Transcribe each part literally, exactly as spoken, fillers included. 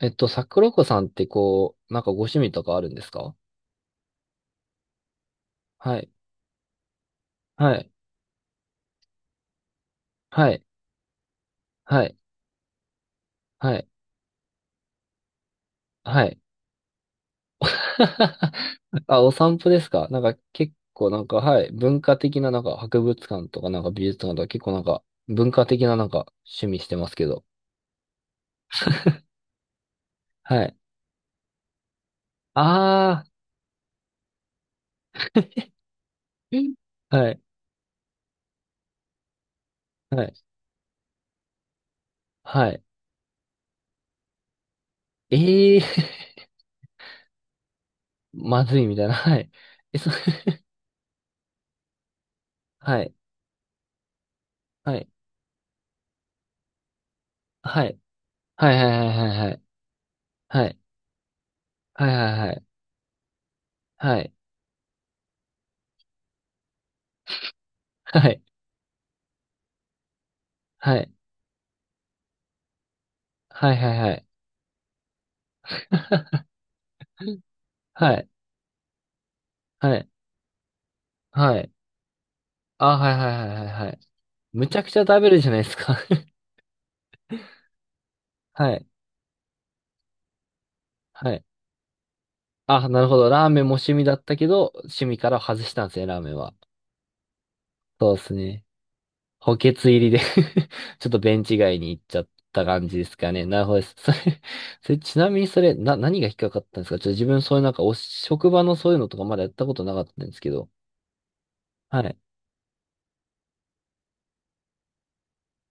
えっと、桜子さんってこう、なんかご趣味とかあるんですか？はい。はい。はい。はい。はい。はい。あ、お散歩ですか？なんか結構なんか、はい。文化的ななんか博物館とかなんか美術館とか結構なんか文化的ななんか趣味してますけど。はい。あー。はい。はい。はい。えー。まずいみたいな。はい。え、そ、はい。はい。はい。はい。はい。はい。はい。はい。はい。はい。はい。はい。はい。はい。はい。はいはいはい。はい。はい。はい。あ、はいはいはいはいはい。むちゃくちゃ食べるじゃないですか。 はい。はい。あ、なるほど。ラーメンも趣味だったけど、趣味から外したんですね、ラーメンは。そうですね。補欠入りで。 ちょっとベンチ外に行っちゃった感じですかね。なるほどです。それ、それちなみにそれ、な、何が引っかかったんですか？ちょっと自分そういうなんか、お、職場のそういうのとかまだやったことなかったんですけど。はい。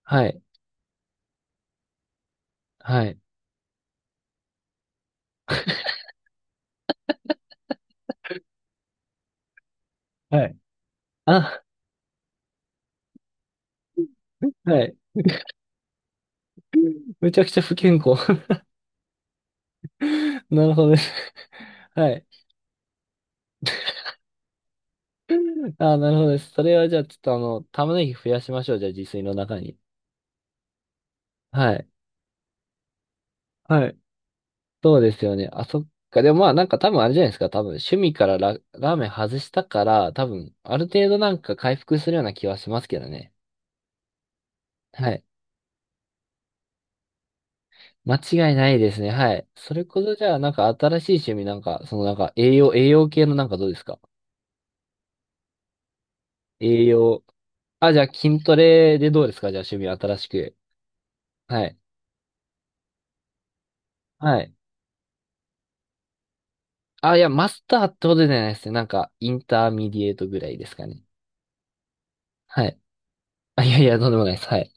はい。はい。はい。あ、はい。めちゃくちゃ不健康。なるほどです。はい。あー、なるほどです。それはじゃあ、ちょっとあの、玉ねぎ増やしましょう。じゃあ、自炊の中に。はい。はい。そうですよね。あ、そっか。でもまあ、なんか多分あれじゃないですか。多分、趣味からラ、ラーメン外したから、多分、ある程度なんか回復するような気はしますけどね。はい。間違いないですね。はい。それこそじゃあ、なんか新しい趣味なんか、そのなんか栄養、栄養系のなんかどうですか？栄養。あ、じゃあ筋トレでどうですか？じゃあ趣味新しく。はい。はい。あ、いや、マスターってほどじゃないですね。なんか、インターミディエートぐらいですかね。はい。あ、いやいや、とんでもないです。はい。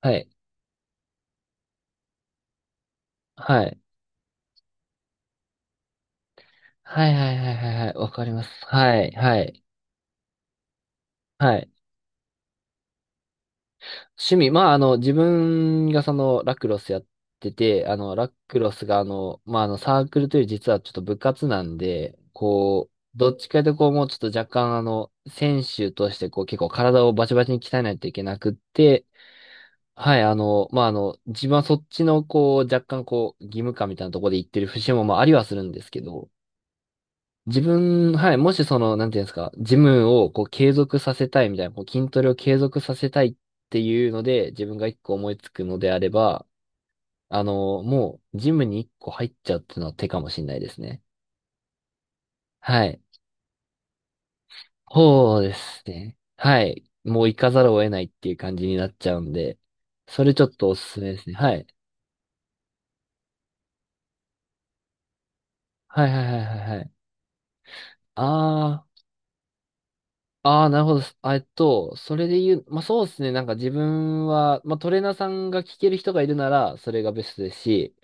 はい。はい。はいはいはいはいはい。わかります。はい。はい。はい。趣味。まあ、あの、自分がその、ラクロスやってて、あの、ラクロスがあの、まあ、あの、サークルというより実はちょっと部活なんで、こう、どっちかというとこう、もうちょっと若干あの、選手としてこう、結構体をバチバチに鍛えないといけなくって、はい、あの、まあ、あの、自分はそっちの、こう、若干、こう、義務感みたいなところで言ってる節も、まあ、ありはするんですけど、自分、はい、もしその、なんていうんですか、ジムを、こう、継続させたいみたいな、こう、筋トレを継続させたいっていうので、自分が一個思いつくのであれば、あの、もう、ジムに一個入っちゃうっていうのは手かもしれないですね。はい。そうですね。はい。もう行かざるを得ないっていう感じになっちゃうんで、それちょっとおすすめですね。はい。はいはいはいはいはい。ああ。ああ、なるほど。すあえっと、それで言う、まあ、そうですね。なんか自分は、まあ、トレーナーさんが聞ける人がいるなら、それがベストですし、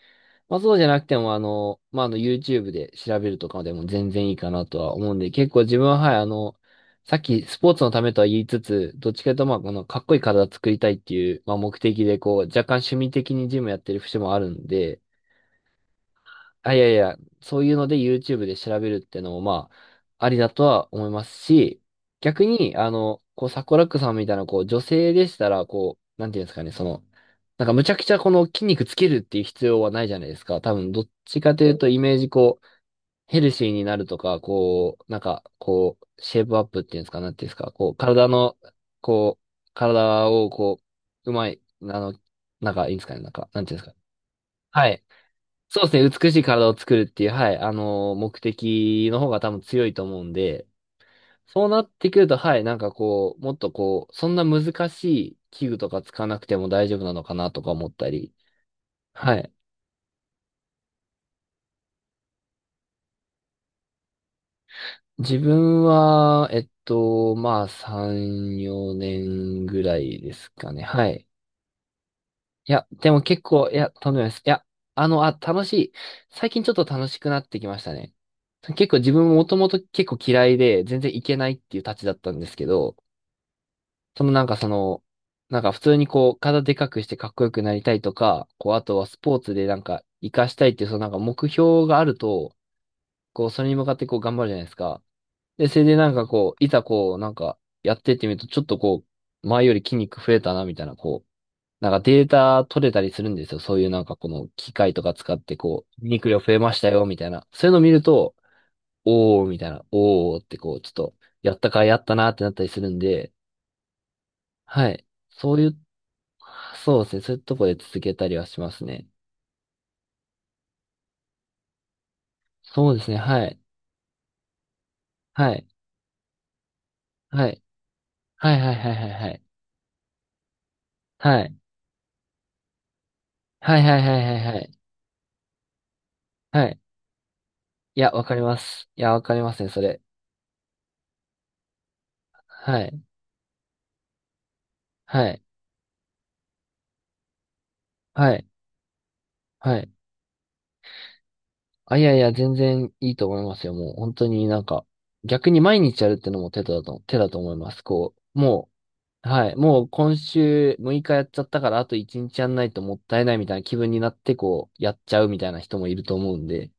まあ、そうじゃなくても、あの、まあ、あの、YouTube で調べるとかでも全然いいかなとは思うんで、結構自分は、はい、あの、さっきスポーツのためとは言いつつ、どっちかというと、まあ、この、かっこいい体作りたいっていう、まあ、目的で、こう、若干趣味的にジムやってる節もあるんで、あ、いやいや、そういうので YouTube で調べるってのも、まあ、ありだとは思いますし、逆に、あの、こう、サコラックさんみたいな、こう、女性でしたら、こう、なんていうんですかね、その、なんかむちゃくちゃこの筋肉つけるっていう必要はないじゃないですか。多分、どっちかというと、イメージ、こう、ヘルシーになるとか、こう、なんか、こう、シェイプアップっていうんですか、なんていうんですか、こう、体の、こう、体を、こう、うまい、あの、なんか、いいんですかね、なんか、なんていうんですか。はい。そうですね、美しい体を作るっていう、はい、あのー目的の方が多分強いと思うんで、そうなってくると、はい、なんかこう、もっとこう、そんな難しい器具とか使わなくても大丈夫なのかなとか思ったり、はい。自分は、えっと、まあ、さん、よねんぐらいですかね、はい。いや、でも結構、いや、とんでもないです。いや、あの、あ、楽しい。最近ちょっと楽しくなってきましたね。結構自分ももともと結構嫌いで、全然いけないっていうたちだったんですけど、そのなんかその、なんか普通にこう、体でかくしてかっこよくなりたいとか、こう、あとはスポーツでなんか活かしたいっていう、そのなんか目標があると、こう、それに向かってこう頑張るじゃないですか。で、それでなんかこう、いざこう、なんかやってってみると、ちょっとこう、前より筋肉増えたな、みたいな、こう、なんかデータ取れたりするんですよ。そういうなんかこの機械とか使ってこう、筋肉量増えましたよ、みたいな。そういうのを見ると、おー、みたいな、おーってこう、ちょっと、やったかやったなってなったりするんで、はい。そういうそうですね。そういうとこで続けたりはしますね。そうですね。はい。はい。はい。はいはいはいはいはい。はい。はいはいはいはいはい。はい。いや、わかります。いや、わかりますね、それ。はい。はい。はい。はい。あ、いやいや、全然いいと思いますよ。もう、本当になんか、逆に毎日やるってのも手だと、手だと思います。こう、もう、はい。もう今週むいかやっちゃったから、あといちにちやんないともったいないみたいな気分になって、こう、やっちゃうみたいな人もいると思うんで。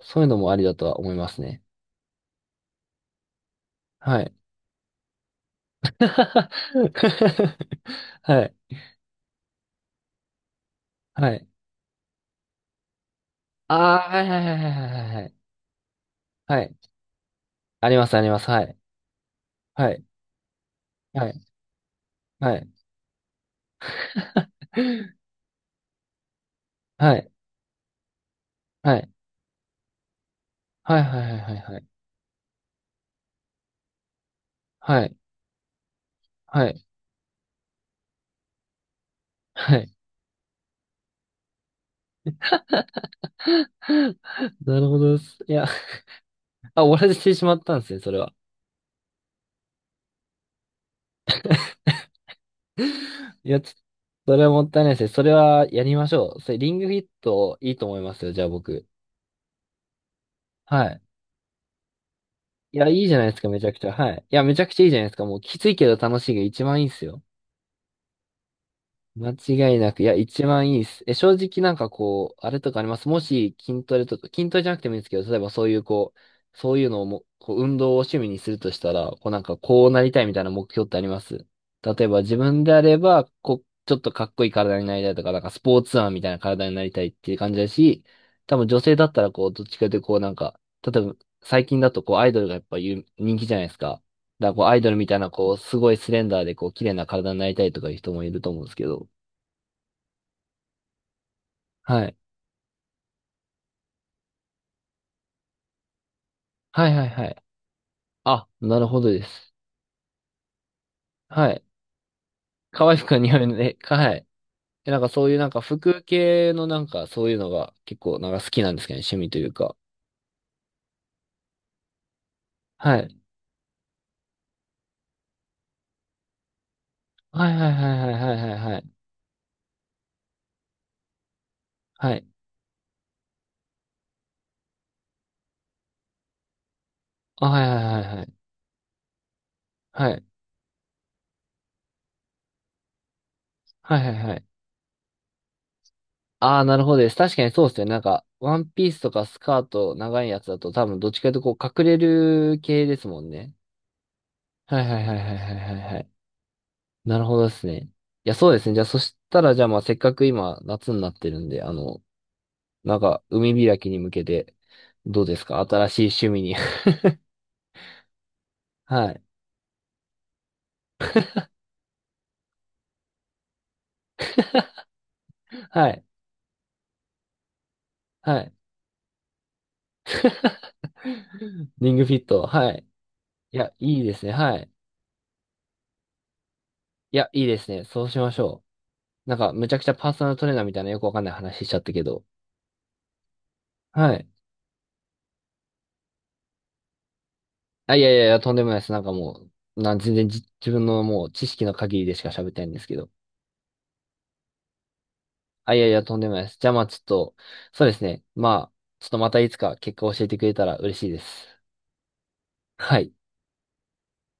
そういうのもありだとは思いますね。はい。はい。はい。ああ、はいはいはいはいはいはい。はい。あります、あります。はい。はい。はい。はい。はい。はい。はい。はい。はい。はい。はい。はい。はい。なるほどです。いや、あ、終わらせてしまったんですね、それは。いや、ちょそれはもったいないですね。それはやりましょう。それ、リングフィットいいと思いますよ、じゃあ僕。はい。いや、いいじゃないですか、めちゃくちゃ。はい。いや、めちゃくちゃいいじゃないですか。もうきついけど楽しいが一番いいんすよ。間違いなく、いや、一番いいです。え、正直なんかこう、あれとかあります？もし筋トレとか、筋トレじゃなくてもいいんですけど、例えばそういうこう、そういうのをも、こう、運動を趣味にするとしたら、こうなんかこうなりたいみたいな目標ってあります？例えば自分であれば、こう、ちょっとかっこいい体になりたいとか、なんかスポーツマンみたいな体になりたいっていう感じだし、多分女性だったらこう、どっちかというとこうなんか、例えば最近だとこう、アイドルがやっぱ有人気じゃないですか。だからこう、アイドルみたいなこう、すごいスレンダーでこう、綺麗な体になりたいとかいう人もいると思うんですけど、はい。はいはいはい。あ、なるほどです。はい。可愛くは似合うね。はい。え、なんかそういうなんか服系のなんかそういうのが結構なんか好きなんですけどね、趣味というか。はい。はいはいはいはいはいはいはい。はい。あ、はいはいはいはい。はい。はいはいはい。ああ、なるほどです。確かにそうですね。なんか、ワンピースとかスカート長いやつだと多分どっちかというとこう隠れる系ですもんね。はいはいはいはいはいはいはい。なるほどですね。いや、そうですね。じゃあ、そしたら、じゃあ、まあ、せっかく今、夏になってるんで、あの、なんか、海開きに向けて、どうですか？新しい趣味に。はい。はい。はい。リングフィット。はい。いや、いいですね。はい。いや、いいですね。そうしましょう。なんか、むちゃくちゃパーソナルトレーナーみたいなよくわかんない話しちゃったけど。はい。あ、いやいやいや、とんでもないです。なんかもう、なん、全然じ自分のもう知識の限りでしか喋ってないんですけど。あ、いやいや、とんでもないです。じゃあまあちょっと、そうですね。まあ、ちょっとまたいつか結果を教えてくれたら嬉しいです。はい。